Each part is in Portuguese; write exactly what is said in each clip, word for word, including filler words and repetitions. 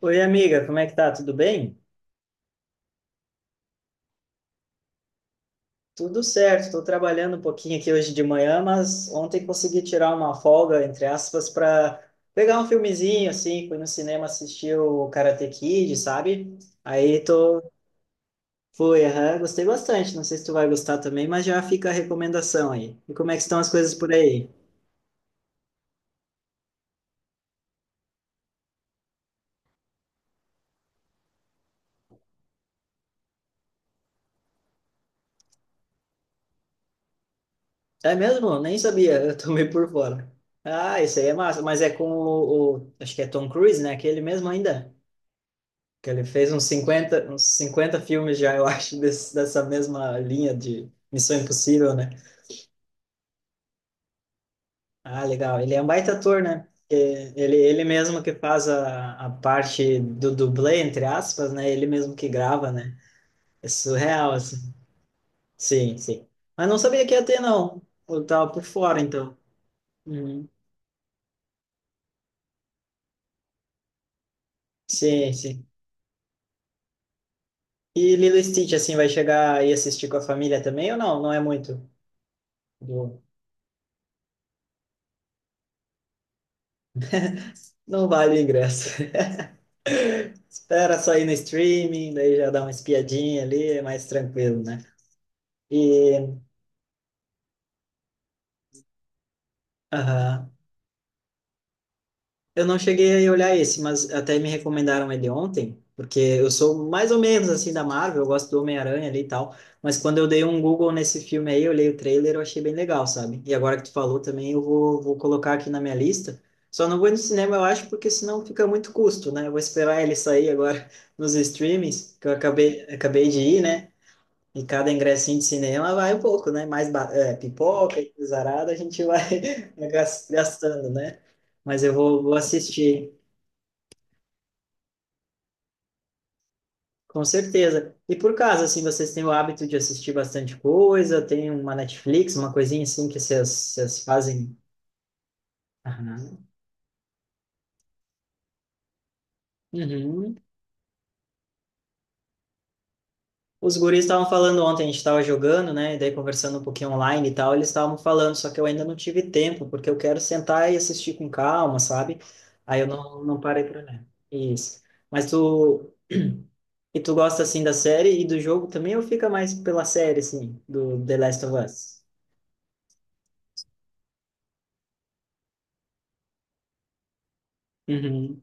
Oi, amiga, como é que tá? Tudo bem? Tudo certo, estou trabalhando um pouquinho aqui hoje de manhã, mas ontem consegui tirar uma folga, entre aspas, para pegar um filmezinho, assim, fui no cinema assistir o Karate Kid, sabe? Aí tô, fui, aham, gostei bastante, não sei se tu vai gostar também, mas já fica a recomendação aí. E como é que estão as coisas por aí? É mesmo? Nem sabia, eu tô meio por fora. Ah, isso aí é massa, mas é com o, o- acho que é Tom Cruise, né? Aquele mesmo ainda? Que ele fez uns cinquenta uns cinquenta filmes já, eu acho, desse, dessa mesma linha de Missão Impossível, né? Ah, legal. Ele é um baita ator, né? É. Ele, ele mesmo que faz a, a parte do dublê, entre aspas, né? Ele mesmo que grava, né? É surreal, assim. Sim, sim. Mas não sabia que ia ter, não. Eu tava por fora, então. Uhum. Sim, sim. E Lilo e Stitch, assim, vai chegar e assistir com a família também ou não? Não é muito? Do- Não vale o ingresso. Espera sair no streaming, daí já dá uma espiadinha ali, é mais tranquilo, né? E, aham. Eu não cheguei a olhar esse, mas até me recomendaram ele ontem, porque eu sou mais ou menos assim da Marvel, eu gosto do Homem-Aranha ali e tal, mas quando eu dei um Google nesse filme aí, eu olhei o trailer, eu achei bem legal, sabe? E agora que tu falou também, eu vou, vou colocar aqui na minha lista. Só não vou no cinema, eu acho, porque senão fica muito custo, né? Eu vou esperar ele sair agora nos streamings, que eu acabei, acabei de ir, né? E cada ingressinho de cinema vai um pouco, né? Mais ba- é, pipoca e coisarada a gente vai gas- gastando, né? Mas eu vou, vou assistir, com certeza. E por caso, assim, vocês têm o hábito de assistir bastante coisa? Tem uma Netflix, uma coisinha assim que vocês vocês fazem? Aham. Uhum. Os guris estavam falando ontem, a gente estava jogando, né? E daí conversando um pouquinho online e tal, eles estavam falando, só que eu ainda não tive tempo, porque eu quero sentar e assistir com calma, sabe? Aí eu não, não parei para ler. Isso. Mas tu. E tu gosta assim da série e do jogo também, ou fica mais pela série, assim, do The Last of Us? Uhum.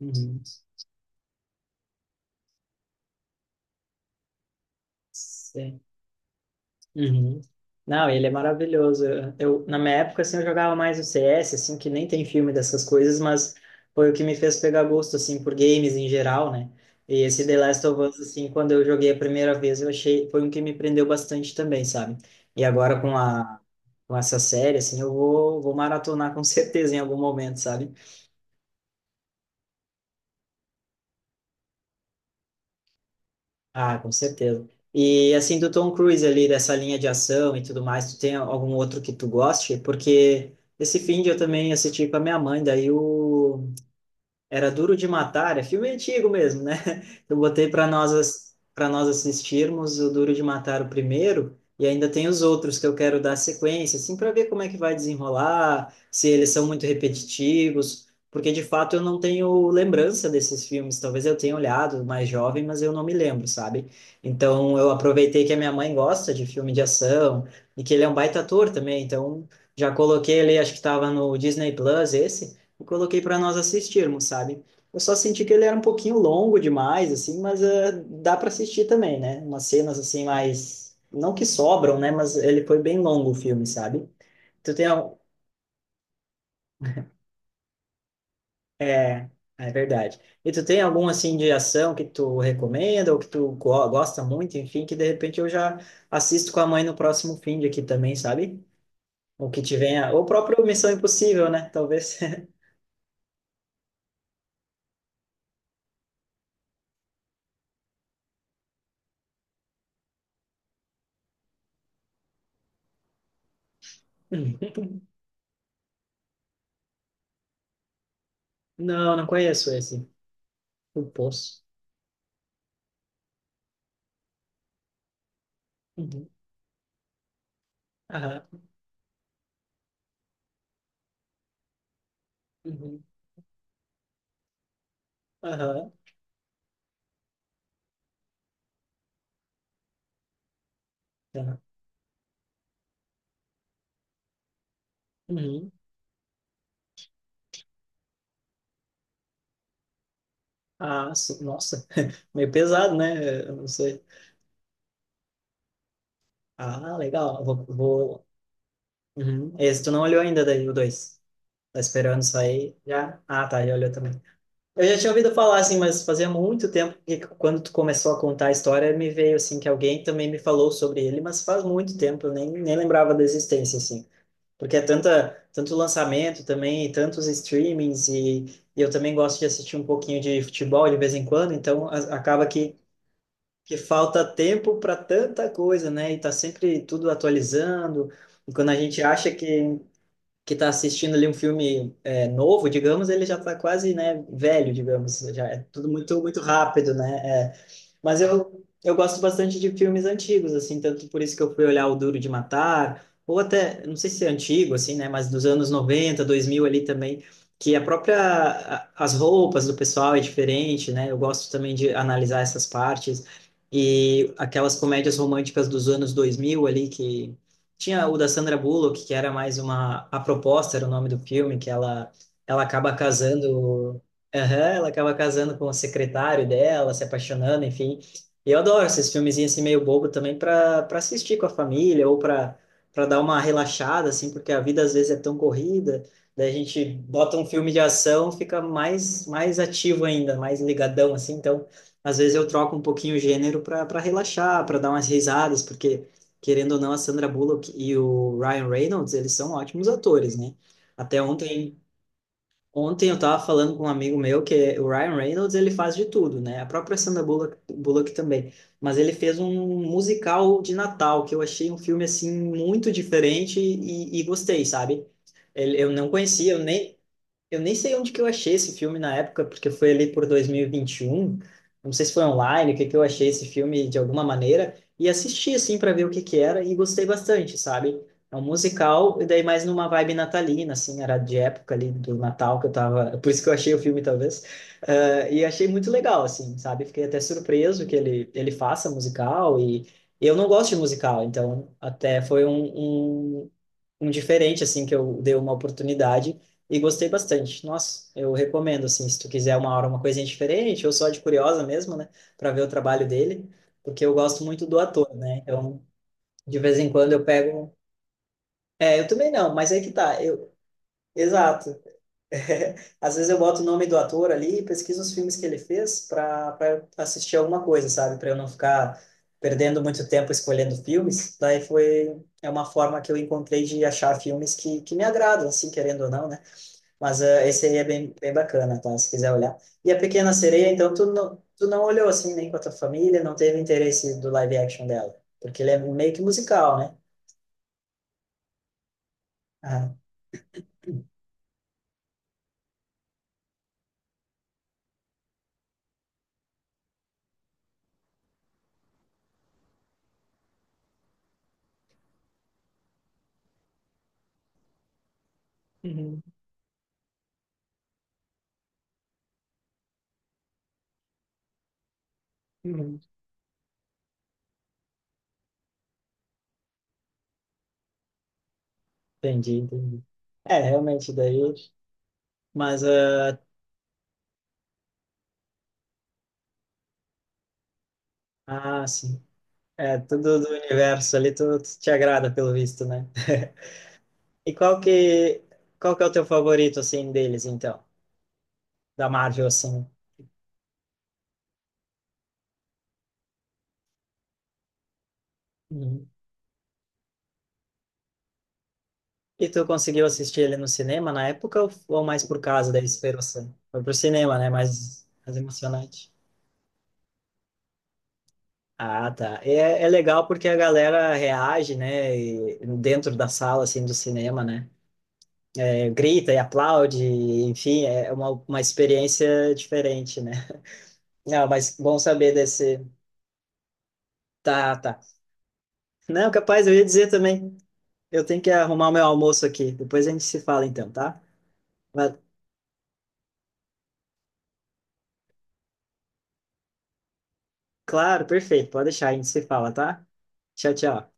Uhum. Uhum. Não, ele é maravilhoso. Eu, eu- na minha época, assim, eu jogava mais o C S, assim, que nem tem filme dessas coisas, mas foi o que me fez pegar gosto, assim, por games em geral, né? E esse The Last of Us, assim, quando eu joguei a primeira vez, eu achei, foi um que me prendeu bastante também, sabe? E agora com a, com essa série, assim, eu vou, vou maratonar com certeza em algum momento, sabe? Ah, com certeza. E assim, do Tom Cruise ali, dessa linha de ação e tudo mais, tu tem algum outro que tu goste? Porque esse fim de eu também assisti com a minha mãe, daí o era Duro de Matar, é filme antigo mesmo, né? Eu botei para nós para nós assistirmos o Duro de Matar o primeiro e ainda tem os outros que eu quero dar sequência, assim, para ver como é que vai desenrolar, se eles são muito repetitivos, porque de fato eu não tenho lembrança desses filmes. Talvez eu tenha olhado mais jovem, mas eu não me lembro, sabe? Então eu aproveitei que a minha mãe gosta de filme de ação e que ele é um baita ator também, então já coloquei ele, acho que estava no Disney Plus esse eu coloquei para nós assistirmos, sabe? Eu só senti que ele era um pouquinho longo demais, assim, mas eh, dá para assistir também, né? Umas cenas assim mais, não que sobram, né? Mas ele foi bem longo o filme, sabe? Tu tem al- é, é verdade. E tu tem algum assim de ação que tu recomenda ou que tu go- gosta muito, enfim, que de repente eu já assisto com a mãe no próximo fim de aqui também, sabe? Ou que te venha, ou o próprio Missão Impossível, né? Talvez. Não, não conheço esse. O Poço. Uhum. Aham. Uhum. Aham. Tá. Uhum. Ah, sim. Nossa, meio pesado, né? Eu não sei. Ah, legal. Vou, vou... Uhum. Esse tu não olhou ainda daí, o dois. Tá esperando sair já? Ah, tá, ele olhou também. Eu já tinha ouvido falar, assim, mas fazia muito tempo que quando tu começou a contar a história, me veio, assim, que alguém também me falou sobre ele, mas faz muito tempo, eu nem, nem lembrava da existência, assim. Porque é tanta, tanto lançamento também, e tantos streamings, e, e eu também gosto de assistir um pouquinho de futebol de vez em quando, então a- acaba que, que falta tempo para tanta coisa, né? E tá sempre tudo atualizando, e quando a gente acha que, que tá assistindo ali um filme é, novo, digamos, ele já tá quase, né, velho, digamos, já é tudo muito, muito rápido, né? É, mas eu, eu gosto bastante de filmes antigos, assim, tanto por isso que eu fui olhar O Duro de Matar, ou até, não sei se é antigo, assim, né, mas dos anos noventa dois mil ali também, que a própria, a- as roupas do pessoal é diferente, né, eu gosto também de analisar essas partes, e aquelas comédias românticas dos anos dois mil ali, que tinha o da Sandra Bullock, que era mais uma, A Proposta era o nome do filme, que ela, ela acaba casando. Aham, ela acaba casando com o secretário dela, se apaixonando, enfim. E eu adoro esses filmezinhos assim meio bobo também para para assistir com a família ou para para dar uma relaxada assim, porque a vida às vezes é tão corrida, daí a gente bota um filme de ação, fica mais mais ativo ainda, mais ligadão assim. Então, às vezes eu troco um pouquinho o gênero para para relaxar, para dar umas risadas, porque querendo ou não a Sandra Bullock e o Ryan Reynolds, eles são ótimos atores, né? Até ontem Ontem eu estava falando com um amigo meu que o Ryan Reynolds ele faz de tudo, né? A própria Sandra Bullock, Bullock também. Mas ele fez um musical de Natal que eu achei um filme assim muito diferente e, e gostei, sabe? Ele, eu não conhecia, eu nem eu nem sei onde que eu achei esse filme na época, porque foi ali por dois mil e e vinte e um. Não sei se foi online, o que que eu achei esse filme de alguma maneira e assisti assim para ver o que que era e gostei bastante, sabe? É um musical e daí mais numa vibe natalina, assim, era de época ali do Natal que eu tava, por isso que eu achei o filme talvez. Ah, e achei muito legal assim, sabe? Fiquei até surpreso que ele ele faça musical e eu não gosto de musical, então até foi um, um um diferente assim que eu dei uma oportunidade e gostei bastante. Nossa, eu recomendo, assim, se tu quiser uma hora uma coisinha diferente, ou só de curiosa mesmo, né, para ver o trabalho dele, porque eu gosto muito do ator, né? Então, de vez em quando eu pego um, É, eu também não, mas aí que tá. Eu... Exato. Às vezes eu boto o nome do ator ali e pesquiso os filmes que ele fez para para assistir alguma coisa, sabe? Para eu não ficar perdendo muito tempo escolhendo filmes. Daí foi. É uma forma que eu encontrei de achar filmes que, que me agradam, assim, querendo ou não, né? Mas eh, esse aí é bem, bem bacana, tá? Se quiser olhar. E a Pequena Sereia, então, tu não, tu não olhou assim nem com a tua família, não teve interesse do live action dela. Porque ele é meio que musical, né? Ah, uhum, uhum. Entendi, entendi. É, realmente, daí. Mas, ah, ah, sim. É, tudo do universo ali, tu, tu te agrada, pelo visto, né? E qual que, qual que é o teu favorito, assim, deles, então? Da Marvel, assim. Uhum. E tu conseguiu assistir ele no cinema na época ou, ou, mais por causa da esperança? Foi pro cinema, né? Mais, mais emocionante. Ah, tá. É, é legal porque a galera reage, né? e- dentro da sala, assim, do cinema, né? É, grita e aplaude, enfim, é uma, uma experiência diferente, né? Não, mas bom saber desse. Tá, tá. Não, capaz, eu ia dizer também. Eu tenho que arrumar meu almoço aqui. Depois a gente se fala, então, tá? Mas, claro, perfeito. Pode deixar, a gente se fala, tá? Tchau, tchau.